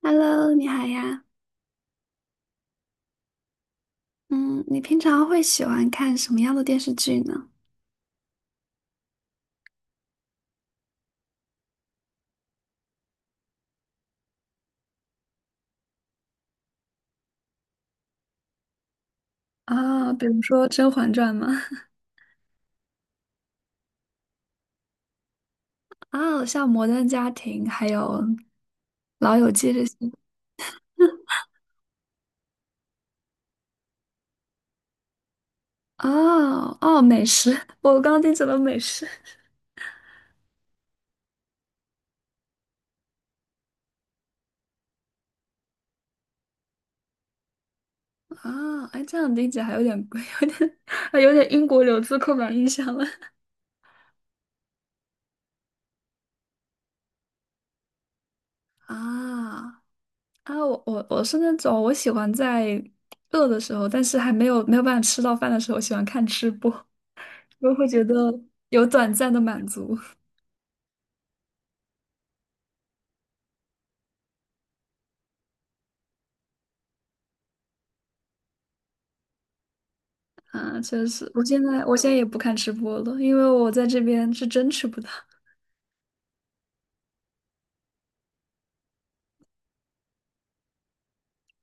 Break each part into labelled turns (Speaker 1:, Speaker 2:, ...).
Speaker 1: Hello，你好呀。嗯，你平常会喜欢看什么样的电视剧呢？啊，比如说《甄嬛传》吗？啊，像《摩登家庭》还有《老友记》这些。哦哦，美食。我刚刚听成了美食，啊，哎，这样理解还有点 还有点英国留子刻板印象了。啊啊！我是那种我喜欢在饿的时候，但是还没有办法吃到饭的时候，喜欢看吃播，我会觉得有短暂的满足。啊，确实，我现在也不看直播了，因为我在这边是真吃不到。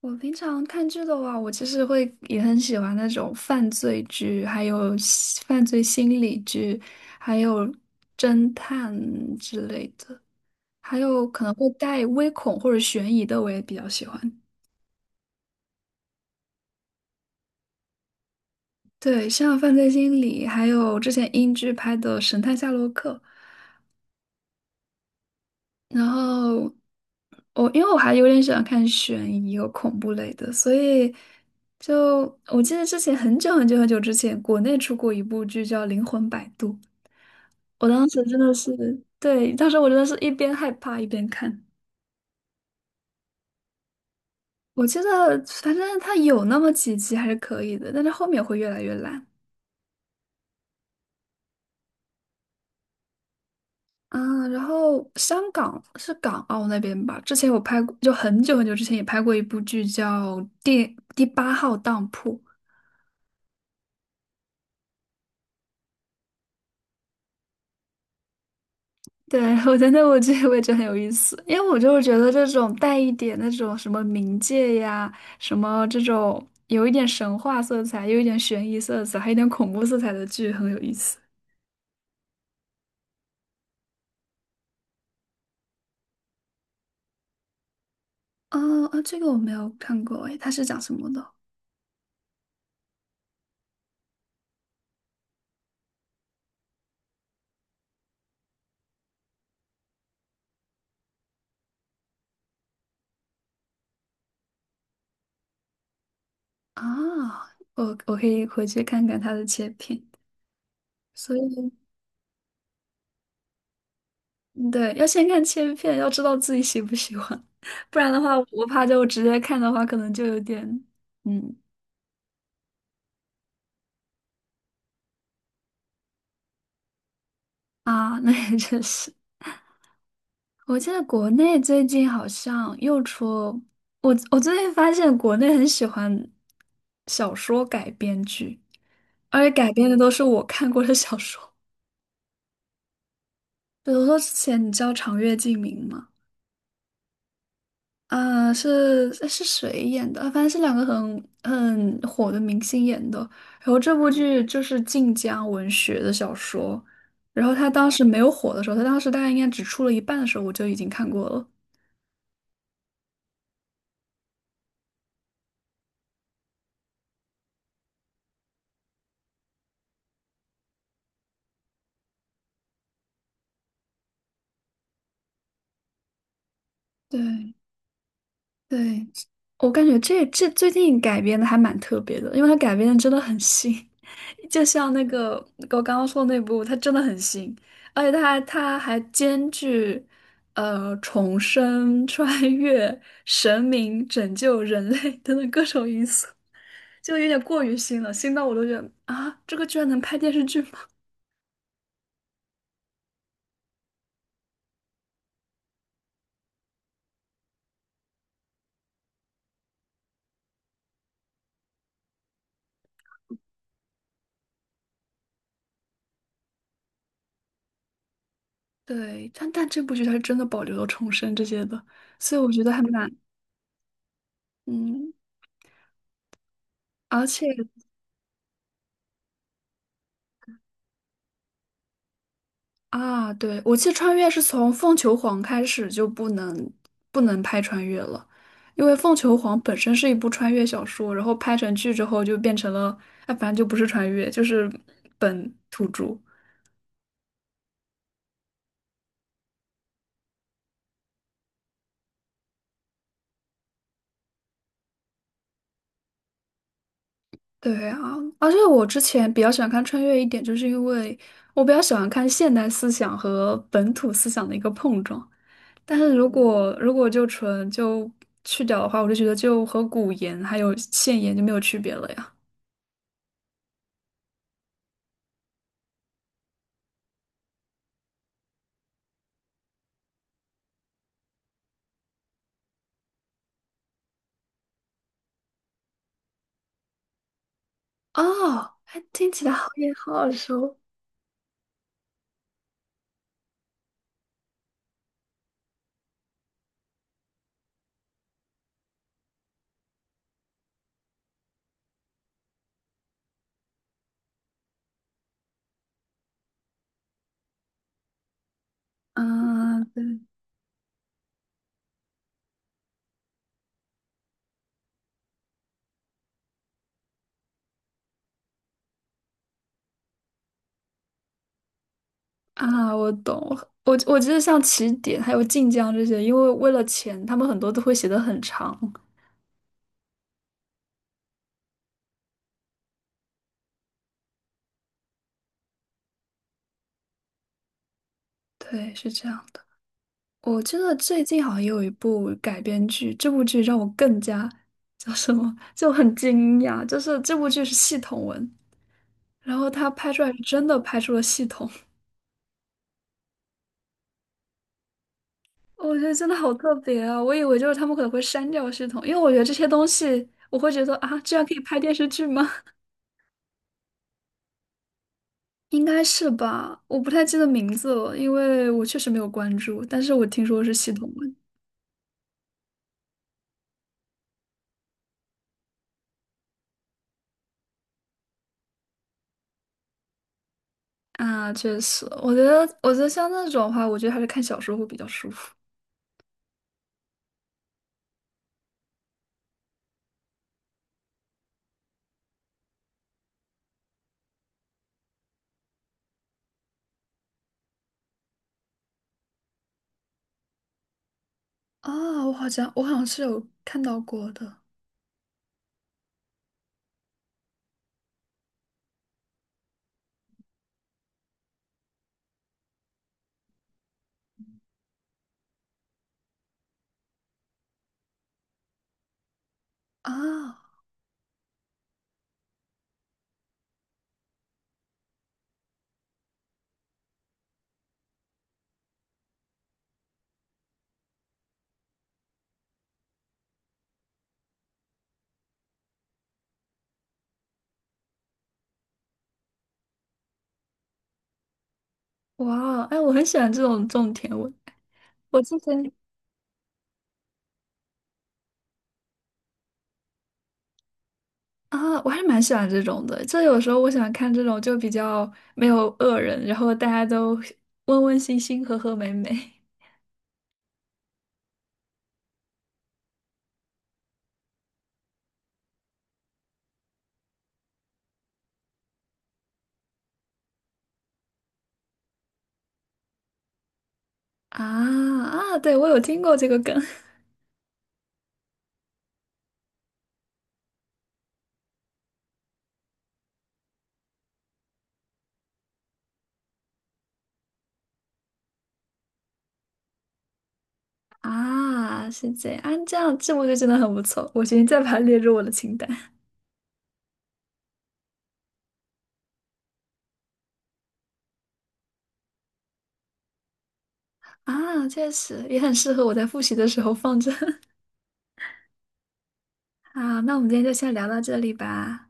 Speaker 1: 我平常看剧的话，我其实会也很喜欢那种犯罪剧，还有犯罪心理剧，还有侦探之类的，还有可能会带微恐或者悬疑的，我也比较喜欢。对，像犯罪心理，还有之前英剧拍的《神探夏洛克》。然后我因为我还有点喜欢看悬疑和恐怖类的，所以就我记得之前很久很久很久之前，国内出过一部剧叫《灵魂摆渡》，我当时真的是，对，当时我真的是一边害怕一边看。我记得反正它有那么几集还是可以的，但是后面会越来越烂。嗯，然后香港是港澳那边吧？之前我拍过，就很久很久之前也拍过一部剧叫《第八号当铺》，对，我真的我觉得我也觉得很有意思，因为我就是觉得这种带一点那种什么冥界呀，什么这种有一点神话色彩，又有一点悬疑色彩，还有一点恐怖色彩的剧很有意思。哦啊，这个我没有看过，诶，它是讲什么的？啊，我我可以回去看看它的切片。所以，对，要先看切片，要知道自己喜不喜欢，不然的话，我怕就直接看的话，可能就有点，嗯啊，那也确实。我记得国内最近好像又出，我最近发现国内很喜欢小说改编剧，而且改编的都是我看过的小说。比如说之前你知道长月烬明吗？啊、是谁演的？啊反正是两个很很火的明星演的。然后这部剧就是晋江文学的小说，然后他当时没有火的时候，他当时大概应该只出了一半的时候，我就已经看过了。对。对，我感觉这最近改编的还蛮特别的，因为它改编的真的很新，就像那个我刚刚说的那部，它真的很新，而且它还兼具重生、穿越、神明拯救人类 等等各种因素，就有点过于新了，新到我都觉得啊，这个居然能拍电视剧吗？对，但这部剧它是真的保留了重生这些的，所以我觉得还蛮嗯，而且。啊，对，我记得穿越是从凤求凰开始就不能拍穿越了，因为凤求凰本身是一部穿越小说，然后拍成剧之后就变成了，哎，反正就不是穿越，就是本土著。对啊，而且我之前比较喜欢看穿越一点，就是因为我比较喜欢看现代思想和本土思想的一个碰撞。但是如果就纯就去掉的话，我就觉得就和古言还有现言就没有区别了呀。哦，还听起来好也好耳熟。嗯，对啊，我懂。我记得像起点还有晋江这些，因为为了钱，他们很多都会写的很长。对，是这样的。我记得最近好像也有一部改编剧，这部剧让我更加叫什么，就很惊讶。就是这部剧是系统文，然后他拍出来是真的拍出了系统。我觉得真的好特别啊！我以为就是他们可能会删掉系统，因为我觉得这些东西，我会觉得啊，这样可以拍电视剧吗？应该是吧，我不太记得名字了，因为我确实没有关注，但是我听说是系统文啊，确实，我觉得像那种的话，我觉得还是看小说会比较舒服啊。我好像是有看到过的啊，哇哦，哎，我很喜欢这种甜文，我之前啊，我还是蛮喜欢这种的，这有时候我喜欢看这种就比较没有恶人，然后大家都 温温馨馨、和和美美 啊啊，对，我有听过这个梗。啊，是这样，啊，这样这部剧真的很不错，我决定再把它列入我的清单。啊，确实也很适合我在复习的时候放着。啊，那我们今天就先聊到这里吧。